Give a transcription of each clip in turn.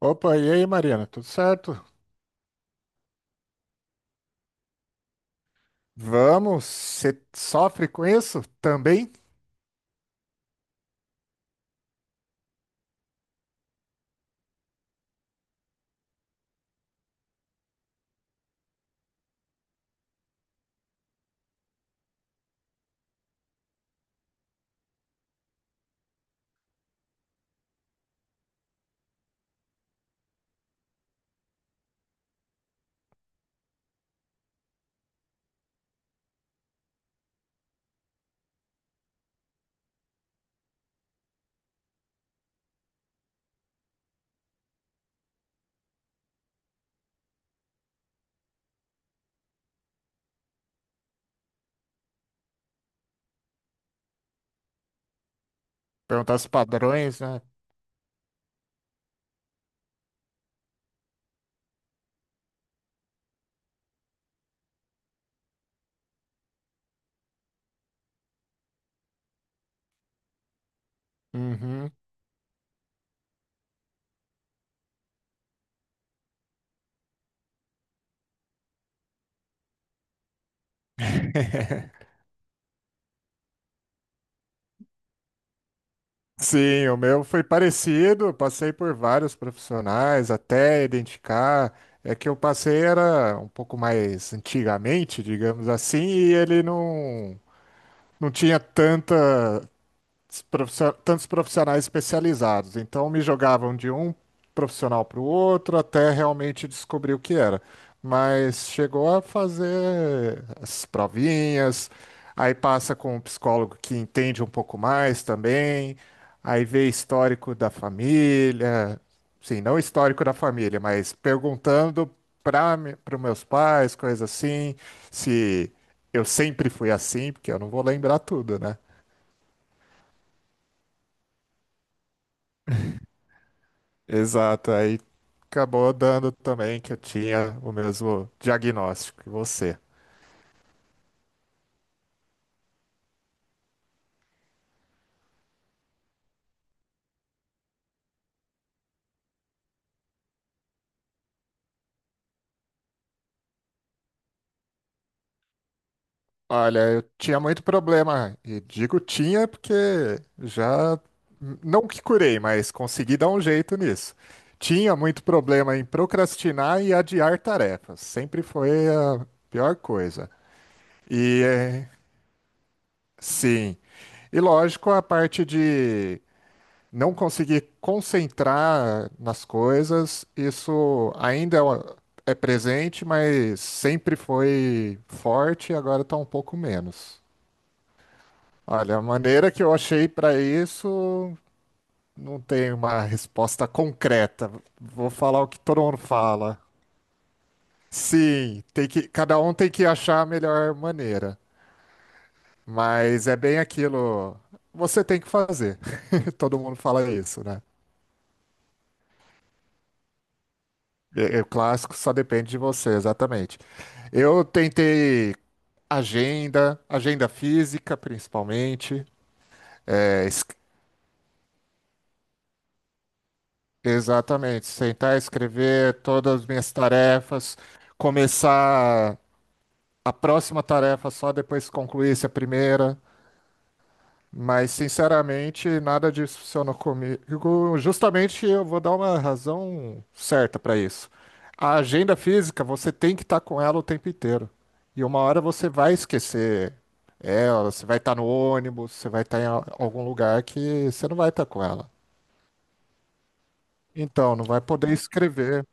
Opa, e aí, Mariana? Tudo certo? Vamos? Você sofre com isso também? Perguntar os padrões, né? Uhum. Sim, o meu foi parecido. Passei por vários profissionais até identificar. É que eu passei era um pouco mais antigamente, digamos assim, e ele não, não tinha tanta tantos profissionais especializados. Então me jogavam de um profissional para o outro até realmente descobrir o que era. Mas chegou a fazer as provinhas, aí passa com um psicólogo que entende um pouco mais também, aí vê histórico da família, sim, não histórico da família, mas perguntando para para os meus pais, coisas assim, se eu sempre fui assim, porque eu não vou lembrar tudo, né? Exato, aí acabou dando também que eu tinha o mesmo diagnóstico que você. Olha, eu tinha muito problema, e digo tinha porque já, não que curei, mas consegui dar um jeito nisso. Tinha muito problema em procrastinar e adiar tarefas, sempre foi a pior coisa. E eh, sim, e lógico a parte de não conseguir concentrar nas coisas, é presente, mas sempre foi forte e agora está um pouco menos. Olha, a maneira que eu achei para isso não tem uma resposta concreta. Vou falar o que todo mundo fala. Sim, tem que, cada um tem que achar a melhor maneira, mas é bem aquilo. Você tem que fazer. Todo mundo fala isso, né? É, o clássico só depende de você, exatamente. Eu tentei agenda física principalmente. É, es- Exatamente, sentar, escrever todas as minhas tarefas, começar a próxima tarefa só depois que concluísse a primeira. Mas, sinceramente, nada disso funcionou comigo. Justamente eu vou dar uma razão certa para isso. A agenda física, você tem que estar com ela o tempo inteiro. E uma hora você vai esquecer ela, você vai estar no ônibus, você vai estar em algum lugar que você não vai estar com ela. Então, não vai poder escrever.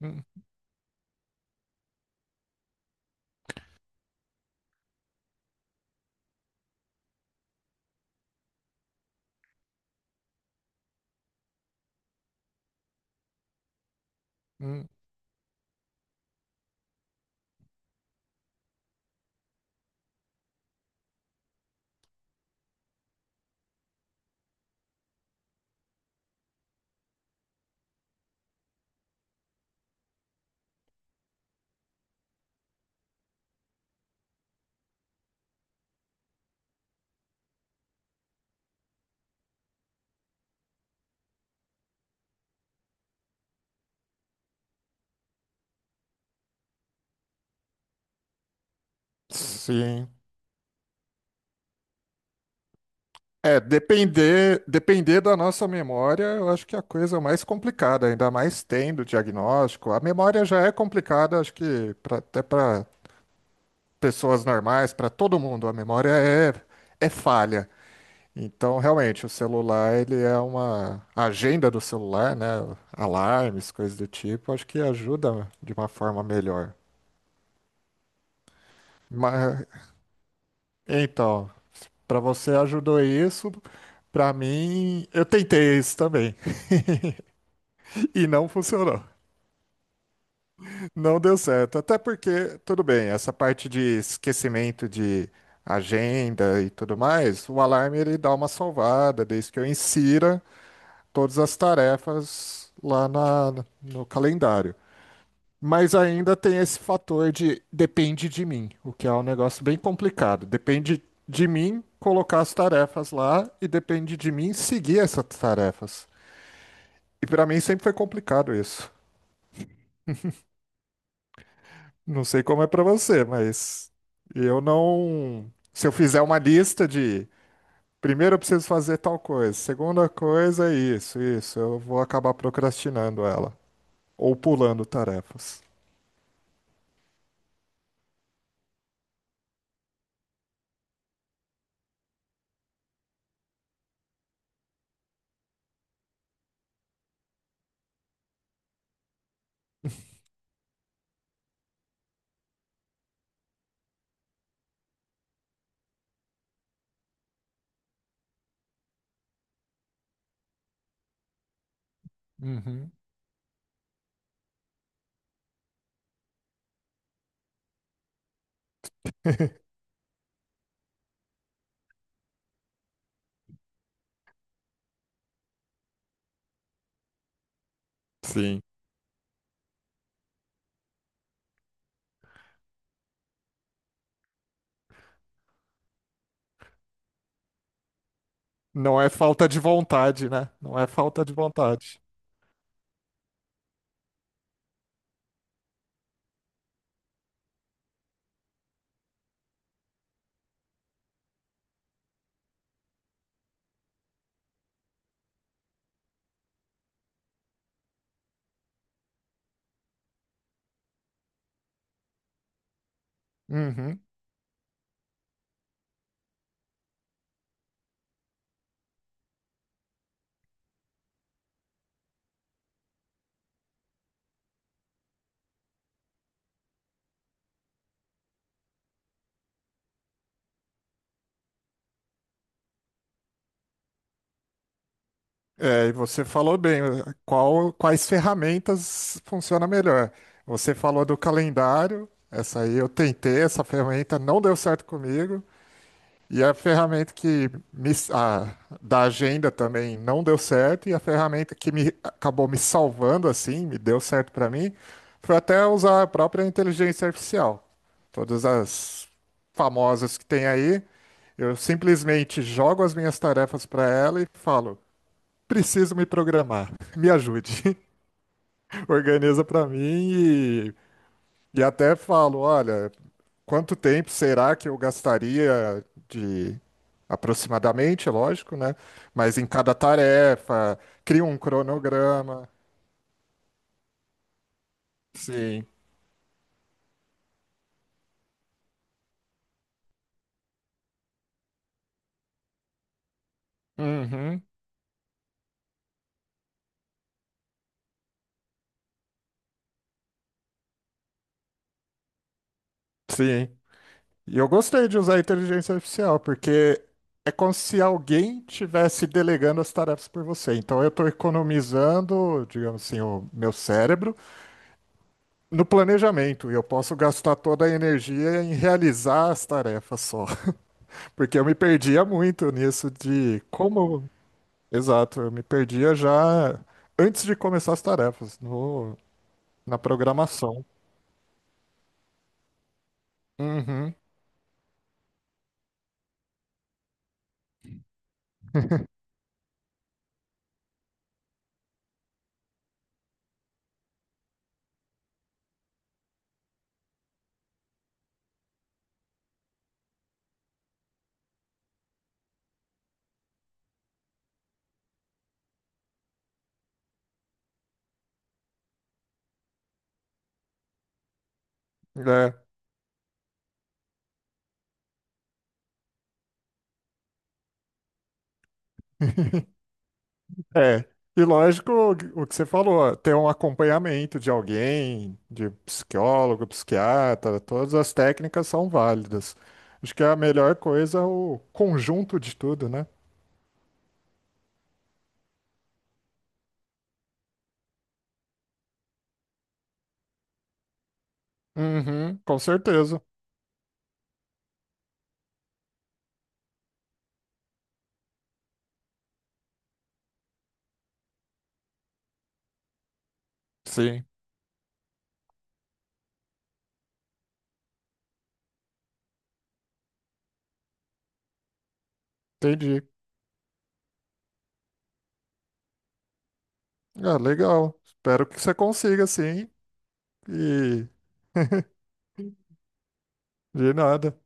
Hum, hum, sim. Depender da nossa memória, eu acho que é a coisa mais complicada, ainda mais tendo diagnóstico. A memória já é complicada, acho que até para pessoas normais, para todo mundo, é falha. Então, realmente, o celular, ele é uma a agenda do celular, né? Alarmes, coisas do tipo, acho que ajuda de uma forma melhor. Mas, então, para você ajudou isso, para mim, eu tentei isso também e não funcionou. Não deu certo. Até porque, tudo bem, essa parte de esquecimento de agenda e tudo mais, o alarme ele dá uma salvada, desde que eu insira todas as tarefas no calendário. Mas ainda tem esse fator de depende de mim, o que é um negócio bem complicado. Depende de mim colocar as tarefas lá e depende de mim seguir essas tarefas. E para mim sempre foi complicado isso. Não sei como é pra você, mas eu não. Se eu fizer uma lista de primeiro eu preciso fazer tal coisa, segunda coisa é isso, eu vou acabar procrastinando ela ou pulando tarefas. Uhum. Sim. Não é falta de vontade, né? Não é falta de vontade. Uhum. É, e você falou bem, quais ferramentas funciona melhor? Você falou do calendário, essa aí eu tentei, essa ferramenta não deu certo comigo. E a ferramenta da agenda também não deu certo, e a ferramenta que me acabou me salvando assim, me deu certo para mim, foi até usar a própria inteligência artificial. Todas as famosas que tem aí, eu simplesmente jogo as minhas tarefas para ela e falo: preciso me programar, me ajude, organiza para mim e até falo: olha, quanto tempo será que eu gastaria? Aproximadamente, é lógico, né? Mas em cada tarefa, cria um cronograma. Sim. Uhum. Sim. E eu gostei de usar a inteligência artificial, porque é como se alguém tivesse delegando as tarefas por você. Então eu estou economizando, digamos assim, o meu cérebro no planejamento. E eu posso gastar toda a energia em realizar as tarefas só. Porque eu me perdia muito nisso de como. Exato, eu me perdia já antes de começar as tarefas, no, na programação. Uhum. É. É. E lógico, o que você falou, ter um acompanhamento de alguém, de psicólogo, psiquiatra, todas as técnicas são válidas. Acho que é a melhor coisa é o conjunto de tudo, né? Uhum, com certeza. Sim, entendi. Ah, legal. Espero que você consiga, sim. E de nada.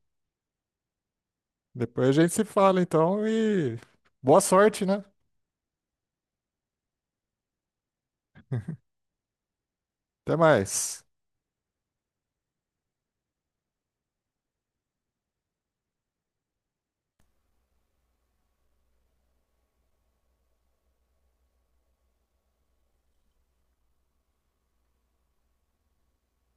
Depois a gente se fala, então, e boa sorte, né? Até mais.